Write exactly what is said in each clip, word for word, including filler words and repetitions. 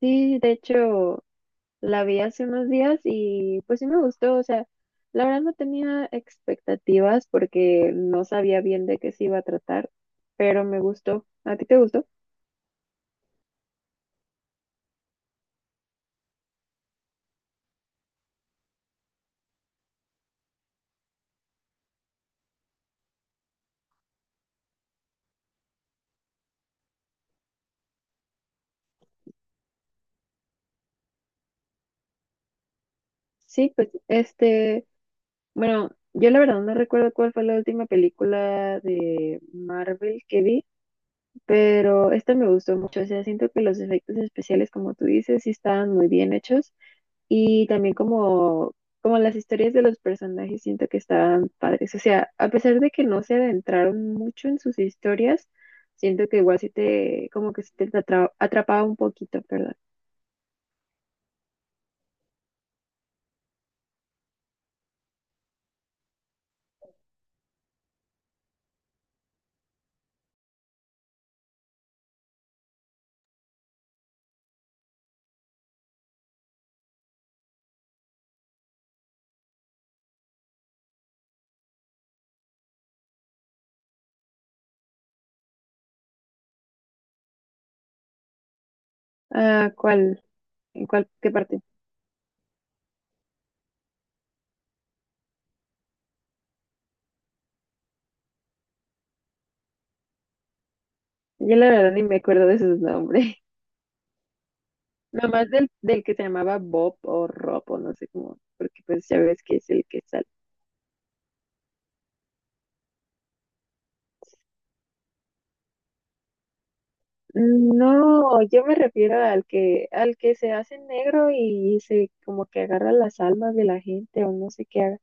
Sí, de hecho, la vi hace unos días y pues sí me gustó, o sea, la verdad no tenía expectativas porque no sabía bien de qué se iba a tratar, pero me gustó. ¿A ti te gustó? Sí, pues este, bueno, yo la verdad no recuerdo cuál fue la última película de Marvel que vi, pero esta me gustó mucho, o sea, siento que los efectos especiales, como tú dices, sí estaban muy bien hechos. Y también como, como las historias de los personajes siento que estaban padres. O sea, a pesar de que no se adentraron mucho en sus historias, siento que igual sí te, como que sí te atra- atrapaba un poquito, perdón. Ah, ¿cuál? ¿En cuál? ¿Qué parte? Yo la verdad ni me acuerdo de sus nombres. Nomás del, del que se llamaba Bob o Rob o no sé cómo, porque pues ya ves que es el que está. No, yo me refiero al que, al que se hace negro y se como que agarra las almas de la gente o no sé qué haga.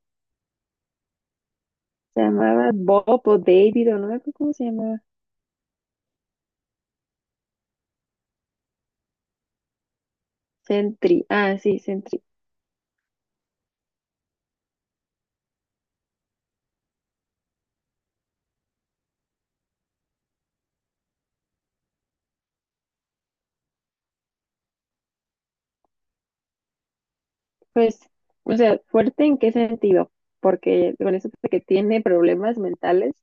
Se llamaba Bob o David o no me acuerdo cómo se llamaba. Sentry. Ah, sí, Sentry. Pues, o sea, fuerte en qué sentido, porque con eso de que tiene problemas mentales.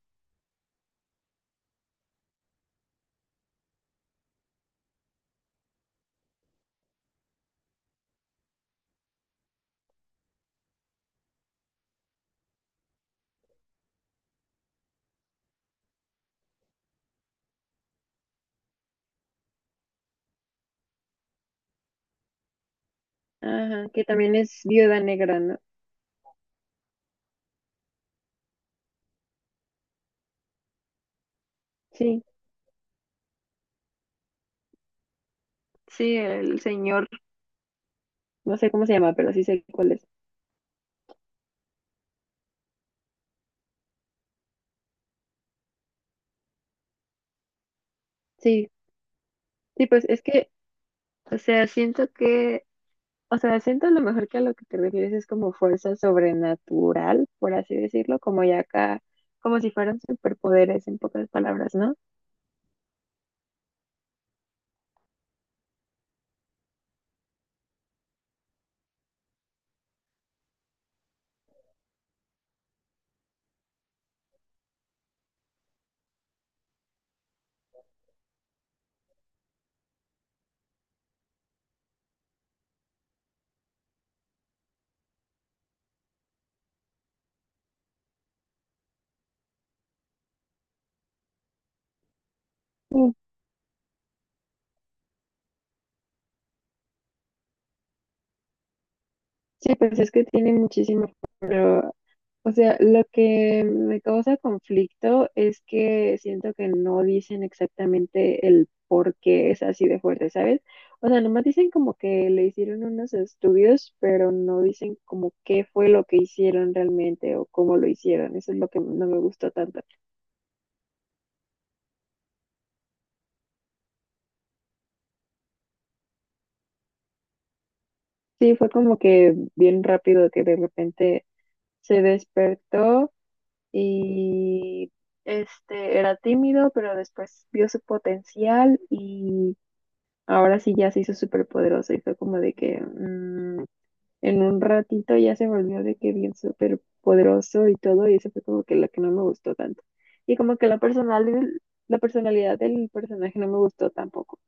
Ajá, que también es Viuda Negra, ¿no? Sí, sí, el señor, no sé cómo se llama, pero sí sé cuál es. Sí, sí, pues es que, o sea, siento que, o sea, siento a lo mejor que a lo que te refieres es como fuerza sobrenatural, por así decirlo, como ya acá, como si fueran superpoderes en pocas palabras, ¿no? Mm. Sí, pues es que tiene muchísimo, pero, o sea, lo que me causa conflicto es que siento que no dicen exactamente el por qué es así de fuerte, ¿sabes? O sea, nomás dicen como que le hicieron unos estudios, pero no dicen como qué fue lo que hicieron realmente o cómo lo hicieron. Eso es lo que no me gustó tanto. Sí, fue como que bien rápido que de repente se despertó y este era tímido, pero después vio su potencial y ahora sí ya se hizo súper poderoso y fue como de que mm, en un ratito ya se volvió de que bien súper poderoso y todo y eso fue como que lo que no me gustó tanto. Y como que la personal, la personalidad del personaje no me gustó tampoco.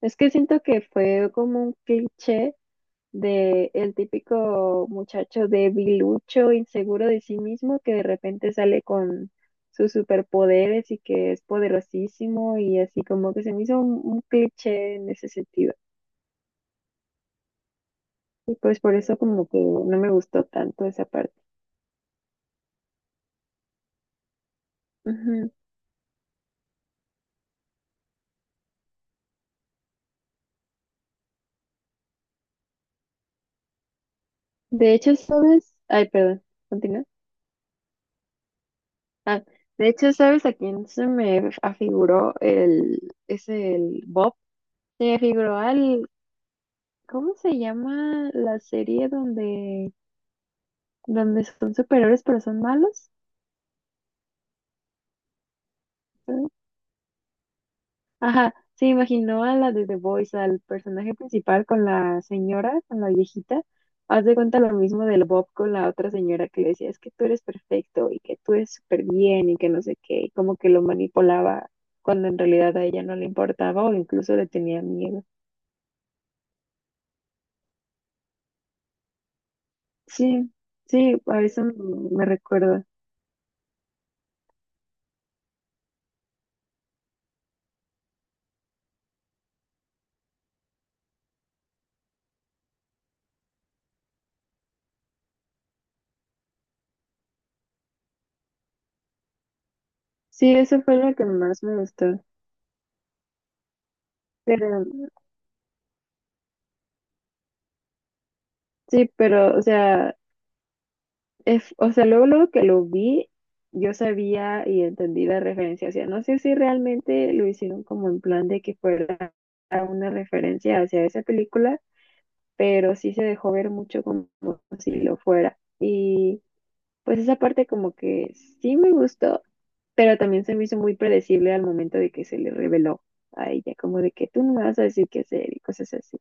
Es que siento que fue como un cliché de el típico muchacho debilucho, inseguro de sí mismo, que de repente sale con sus superpoderes y que es poderosísimo y así como que se me hizo un, un cliché en ese sentido. Y pues por eso como que no me gustó tanto esa parte. Ujú. De hecho, ¿sabes? Ay, perdón, continúa. Ah, de hecho, ¿sabes a quién se me afiguró el, es el Bob? Se me afiguró al, ¿cómo se llama la serie donde donde son superhéroes pero son malos? ¿Sí? Ajá, se imaginó a la de The Voice, al personaje principal con la señora, con la viejita. Haz de cuenta lo mismo del Bob con la otra señora que le decía, es que tú eres perfecto y que tú eres súper bien y que no sé qué, y como que lo manipulaba cuando en realidad a ella no le importaba o incluso le tenía miedo. Sí, sí, a eso me me recuerda. Sí, eso fue lo que más me gustó. Pero, sí, pero, o sea, es, o sea, luego, luego que lo vi, yo sabía y entendí la referencia. O sea, no sé si realmente lo hicieron como en plan de que fuera a una referencia hacia esa película, pero sí se dejó ver mucho como si lo fuera. Y pues esa parte como que sí me gustó, pero también se me hizo muy predecible al momento de que se le reveló a ella, como de que tú no me vas a decir qué hacer y cosas así.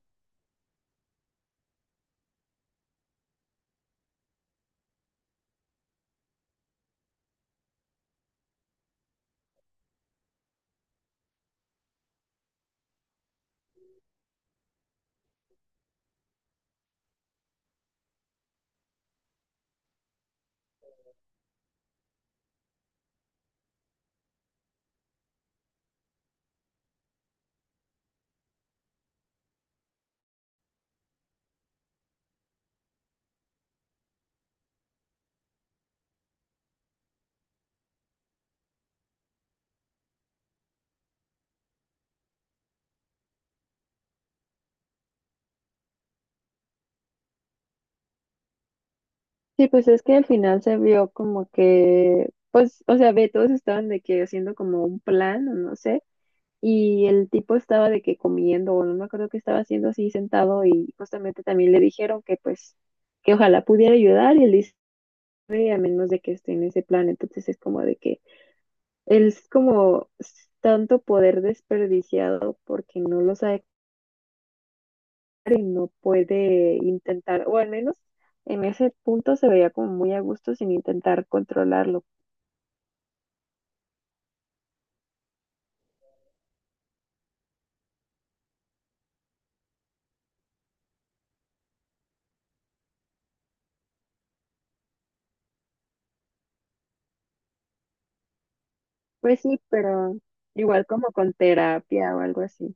Sí, pues es que al final se vio como que, pues, o sea, ve, todos estaban de que haciendo como un plan, o no sé, y el tipo estaba de que comiendo, o no me acuerdo qué estaba haciendo así sentado, y justamente también le dijeron que pues, que ojalá pudiera ayudar, y él dice, "Ay, a menos de que esté en ese plan", entonces es como de que él es como tanto poder desperdiciado porque no lo sabe y no puede intentar, o al menos en ese punto se veía como muy a gusto sin intentar controlarlo. Pues sí, pero igual como con terapia o algo así.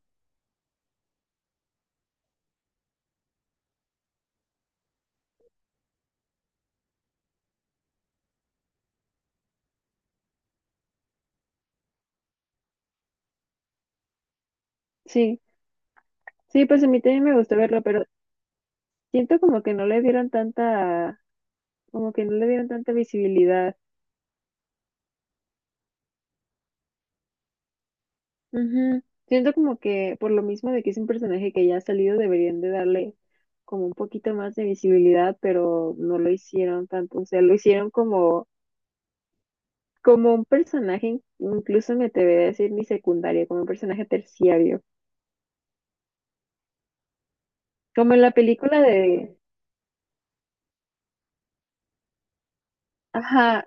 Sí, sí, pues a mí también me gustó verlo, pero siento como que no le dieron tanta, como que no le dieron tanta visibilidad. Ujú. Siento como que por lo mismo de que es un personaje que ya ha salido, deberían de darle como un poquito más de visibilidad, pero no lo hicieron tanto. O sea, lo hicieron como, como un personaje, in- incluso me atrevería a decir ni secundario, como un personaje terciario. Como en la película de... Ajá,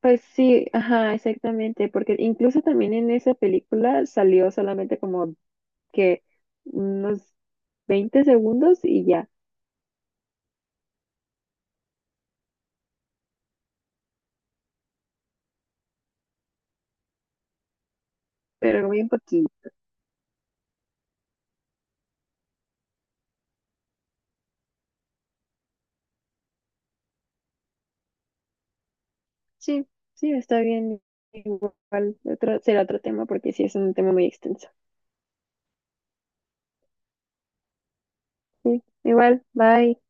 pues sí, ajá, exactamente, porque incluso también en esa película salió solamente como que unos veinte segundos y ya, pero bien poquito. Sí, sí, está bien, igual, otro, será otro tema porque sí es un tema muy extenso. Sí, igual, bye.